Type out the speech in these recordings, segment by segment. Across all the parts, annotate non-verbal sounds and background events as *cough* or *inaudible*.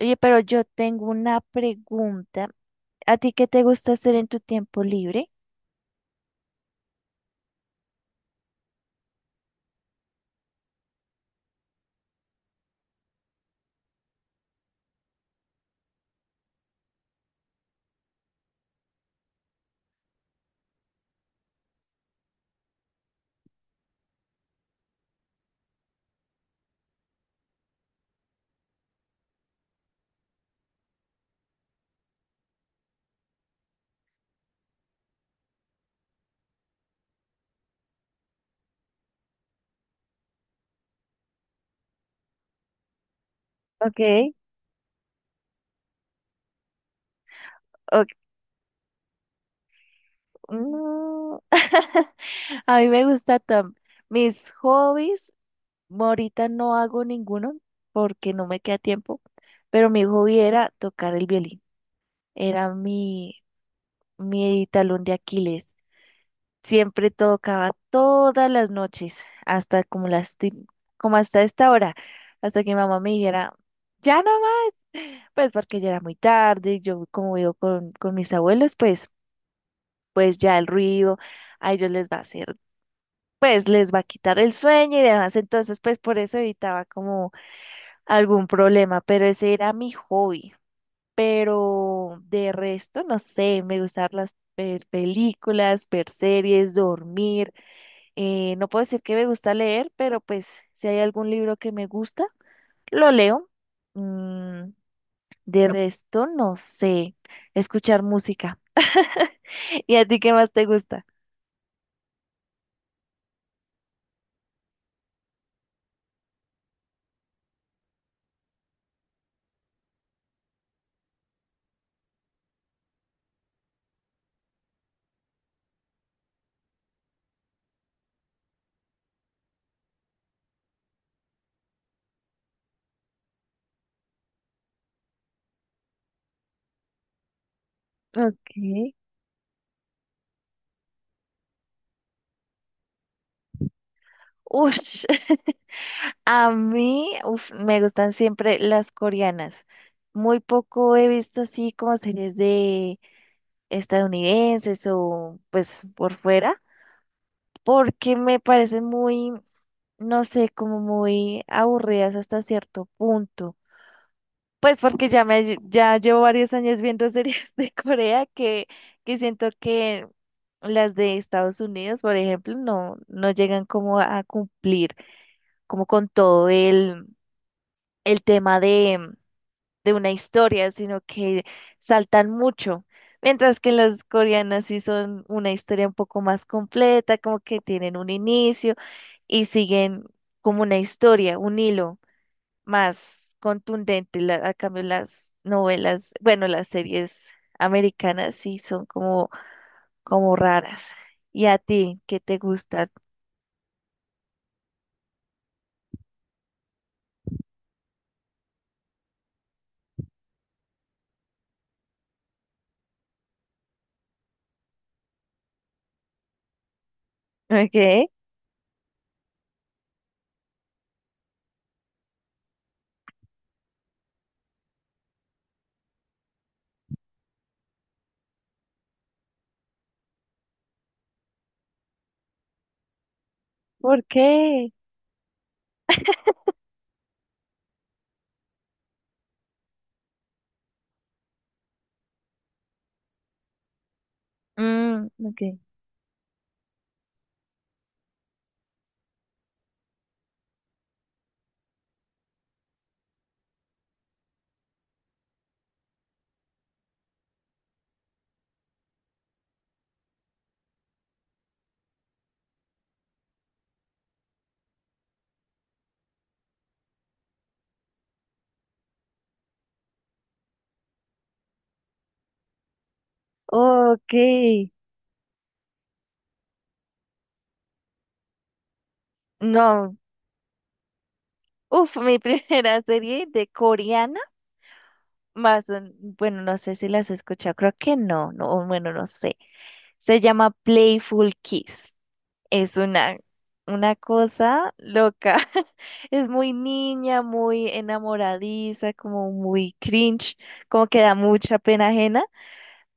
Oye, pero yo tengo una pregunta. ¿A ti qué te gusta hacer en tu tiempo libre? Ok, ok, mm, *laughs* a mí me gusta Tom. Mis hobbies, ahorita no hago ninguno porque no me queda tiempo, pero mi hobby era tocar el violín. Era mi talón de Aquiles. Siempre tocaba todas las noches, hasta como como hasta esta hora, hasta que mi mamá me dijera ya no, pues porque ya era muy tarde. Yo como vivo con mis abuelos, pues, pues ya el ruido a ellos les va a pues les va a quitar el sueño y demás. Entonces pues por eso evitaba como algún problema, pero ese era mi hobby. Pero de resto, no sé, me gustan las ver películas, ver series, dormir, no puedo decir que me gusta leer, pero pues si hay algún libro que me gusta, lo leo. Mm, De resto, no sé. Escuchar música. *laughs* ¿Y a ti qué más te gusta? Ok. Ush. *laughs* A mí, uf, me gustan siempre las coreanas. Muy poco he visto así como series de estadounidenses o pues por fuera, porque me parecen muy, no sé, como muy aburridas hasta cierto punto. Pues porque ya ya llevo varios años viendo *laughs* series de Corea que siento que las de Estados Unidos, por ejemplo, no, no llegan como a cumplir como con el tema de una historia, sino que saltan mucho. Mientras que las coreanas sí son una historia un poco más completa, como que tienen un inicio y siguen como una historia, un hilo más contundente. A cambio, las novelas, bueno, las series americanas sí son como, como raras. ¿Y a ti, qué te gusta? *laughs* ¿Qué? ¿Por qué? Mm, ok. Ok, no, uf, mi *laughs* primera serie de coreana, más, bueno, no sé si las has escuchado, creo que no, no, bueno, no sé. Se llama Playful Kiss. Es una cosa loca. *laughs* Es muy niña, muy enamoradiza, como muy cringe, como que da mucha pena ajena.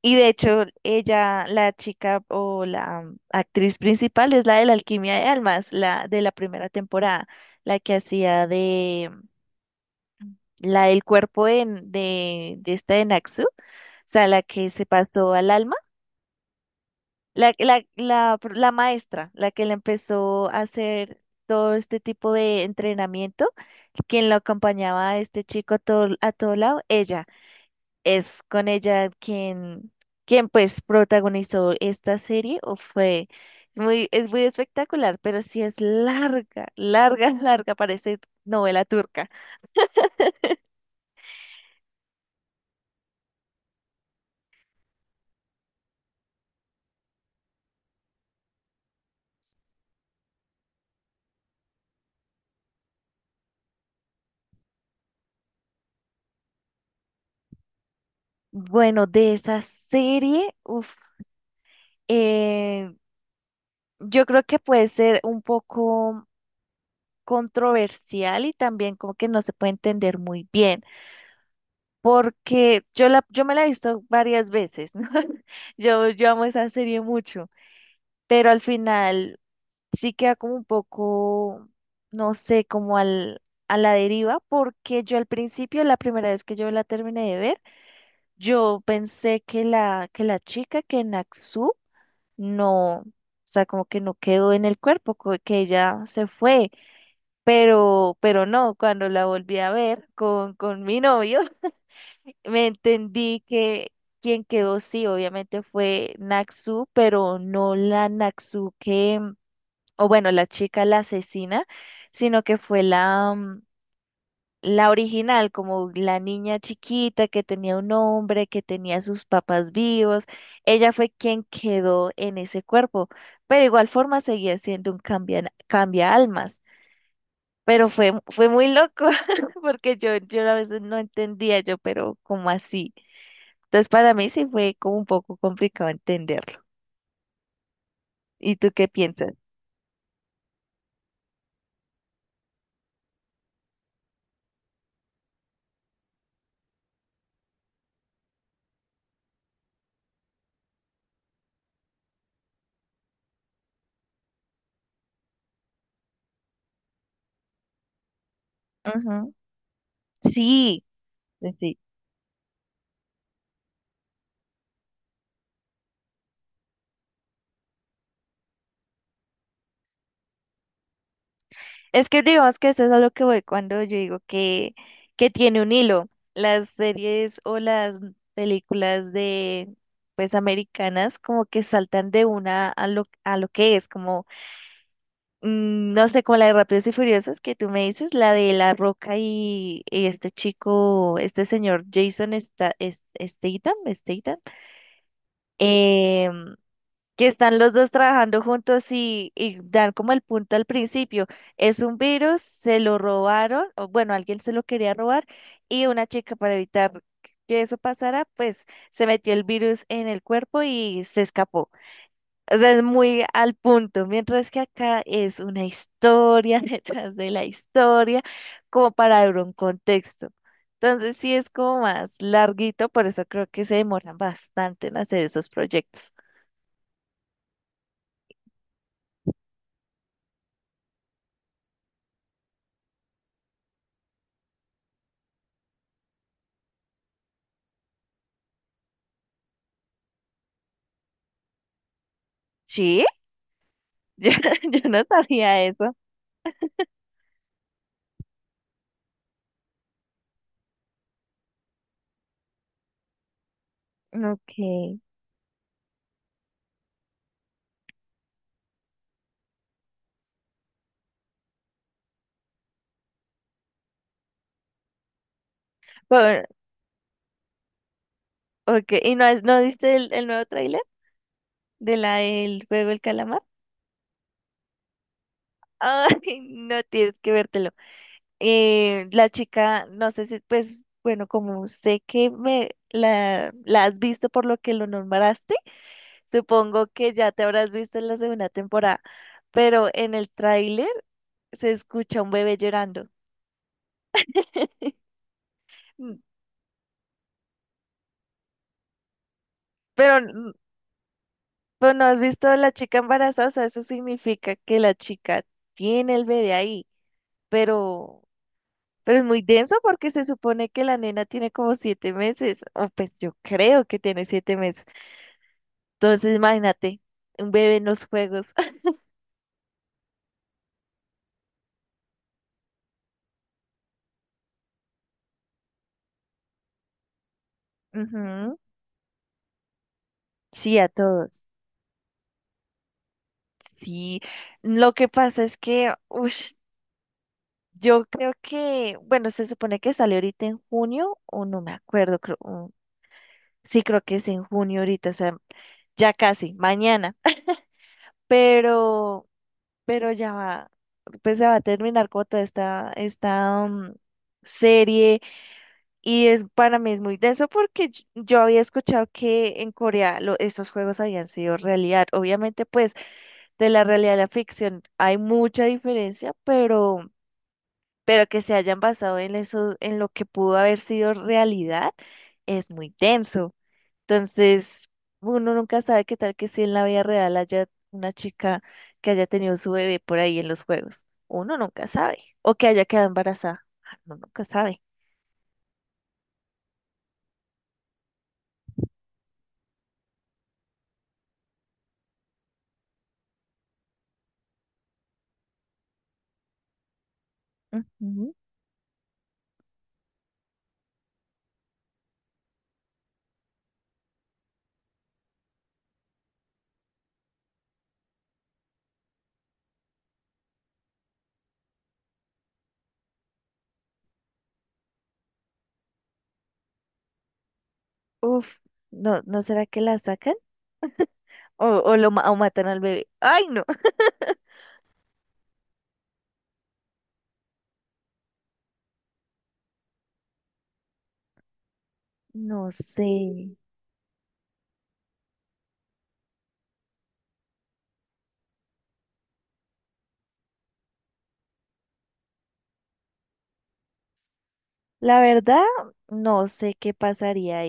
Y de hecho, ella, la chica o la actriz principal es la de la Alquimia de Almas, la de la primera temporada, la que hacía de la del cuerpo de esta de Naxu, o sea, la que se pasó al alma. La maestra, la que le empezó a hacer todo este tipo de entrenamiento, quien lo acompañaba a este chico a a todo lado. Ella, es con ella quien pues protagonizó esta serie, o fue, es muy espectacular, pero sí es larga, larga, *laughs* larga, parece novela turca. Bueno, de esa serie, uf, eh, yo creo que puede ser un poco controversial y también como que no se puede entender muy bien, porque yo me la he visto varias veces, ¿no? *laughs* Yo amo esa serie mucho, pero al final sí queda como un poco, no sé, a la deriva, porque yo al principio, la primera vez que yo la terminé de ver, yo pensé que la chica, que Naxu, no, o sea, como que no quedó en el cuerpo, que ella se fue. Pero no, cuando la volví a ver con mi novio, *laughs* me entendí que quien quedó sí, obviamente fue Naxu, pero no la Naxu que, o bueno, la chica la asesina, sino que fue la la original, como la niña chiquita que tenía un hombre, que tenía a sus papás vivos. Ella fue quien quedó en ese cuerpo, pero igual forma seguía siendo un cambia, cambia almas. Pero fue, fue muy loco, *laughs* porque yo a veces no entendía yo, pero ¿cómo así? Entonces para mí sí fue como un poco complicado entenderlo. ¿Y tú qué piensas? Ujú. Sí, sí. Sí. Es que digamos que eso es a lo que voy cuando yo digo que tiene un hilo. Las series o las películas de pues americanas como que saltan de a lo que es, como mm, no sé, como la de Rápidos y Furiosos que tú me dices, la de La Roca y este chico, este señor Statham, Statham, em, que están los dos trabajando juntos y dan como el punto al principio. Es un virus, se lo robaron, o bueno, alguien se lo quería robar y una chica para evitar que eso pasara, pues se metió el virus en el cuerpo y se escapó. O sea, es muy al punto, mientras que acá es una historia *laughs* detrás de la historia, como para dar un contexto. Entonces sí es como más larguito, por eso creo que se demoran bastante en hacer esos proyectos. Sí, *laughs* Yo, yo no sabía eso. Okay. Por- okay. ¿Y no, no viste el nuevo tráiler de la del juego El Calamar? *laughs* Ay, no tienes que vértelo. La chica, no sé si, pues, bueno, como sé que me la has visto por lo que lo nombraste, supongo que ya te habrás visto en la segunda temporada, pero en el tráiler se escucha un bebé llorando. Mm, Pero Pero no has visto a la chica embarazada. O sea, eso significa que la chica tiene el bebé ahí, pero, pero es muy denso porque se supone que la nena tiene como 7 meses, o pues yo creo que tiene 7 meses. Entonces, imagínate, un bebé en los juegos. *laughs* Ujú, sí, a todos. Sí, lo que pasa es que, ush, yo creo que, bueno, se supone que sale ahorita en junio, o no me acuerdo, creo, mm, sí, creo que es en junio ahorita, o sea, ya casi, mañana. pero, pero ya va, pues se va a terminar como toda esta mm, serie y es para mí es muy denso porque yo había escuchado que en Corea estos juegos habían sido realidad. Obviamente, pues de la realidad a la ficción hay mucha diferencia, pero que se hayan basado en eso, en lo que pudo haber sido realidad, es muy denso. Entonces, uno nunca sabe qué tal que si en la vida real haya una chica que haya tenido su bebé por ahí en los juegos. Uno nunca sabe. O que haya quedado embarazada. Ah, uno nunca sabe. Ujú. Uf, no, ¿no será que la sacan? ¿O, o lo o matan al bebé? Ay, no. *laughs* No sé. La verdad, no sé qué pasaría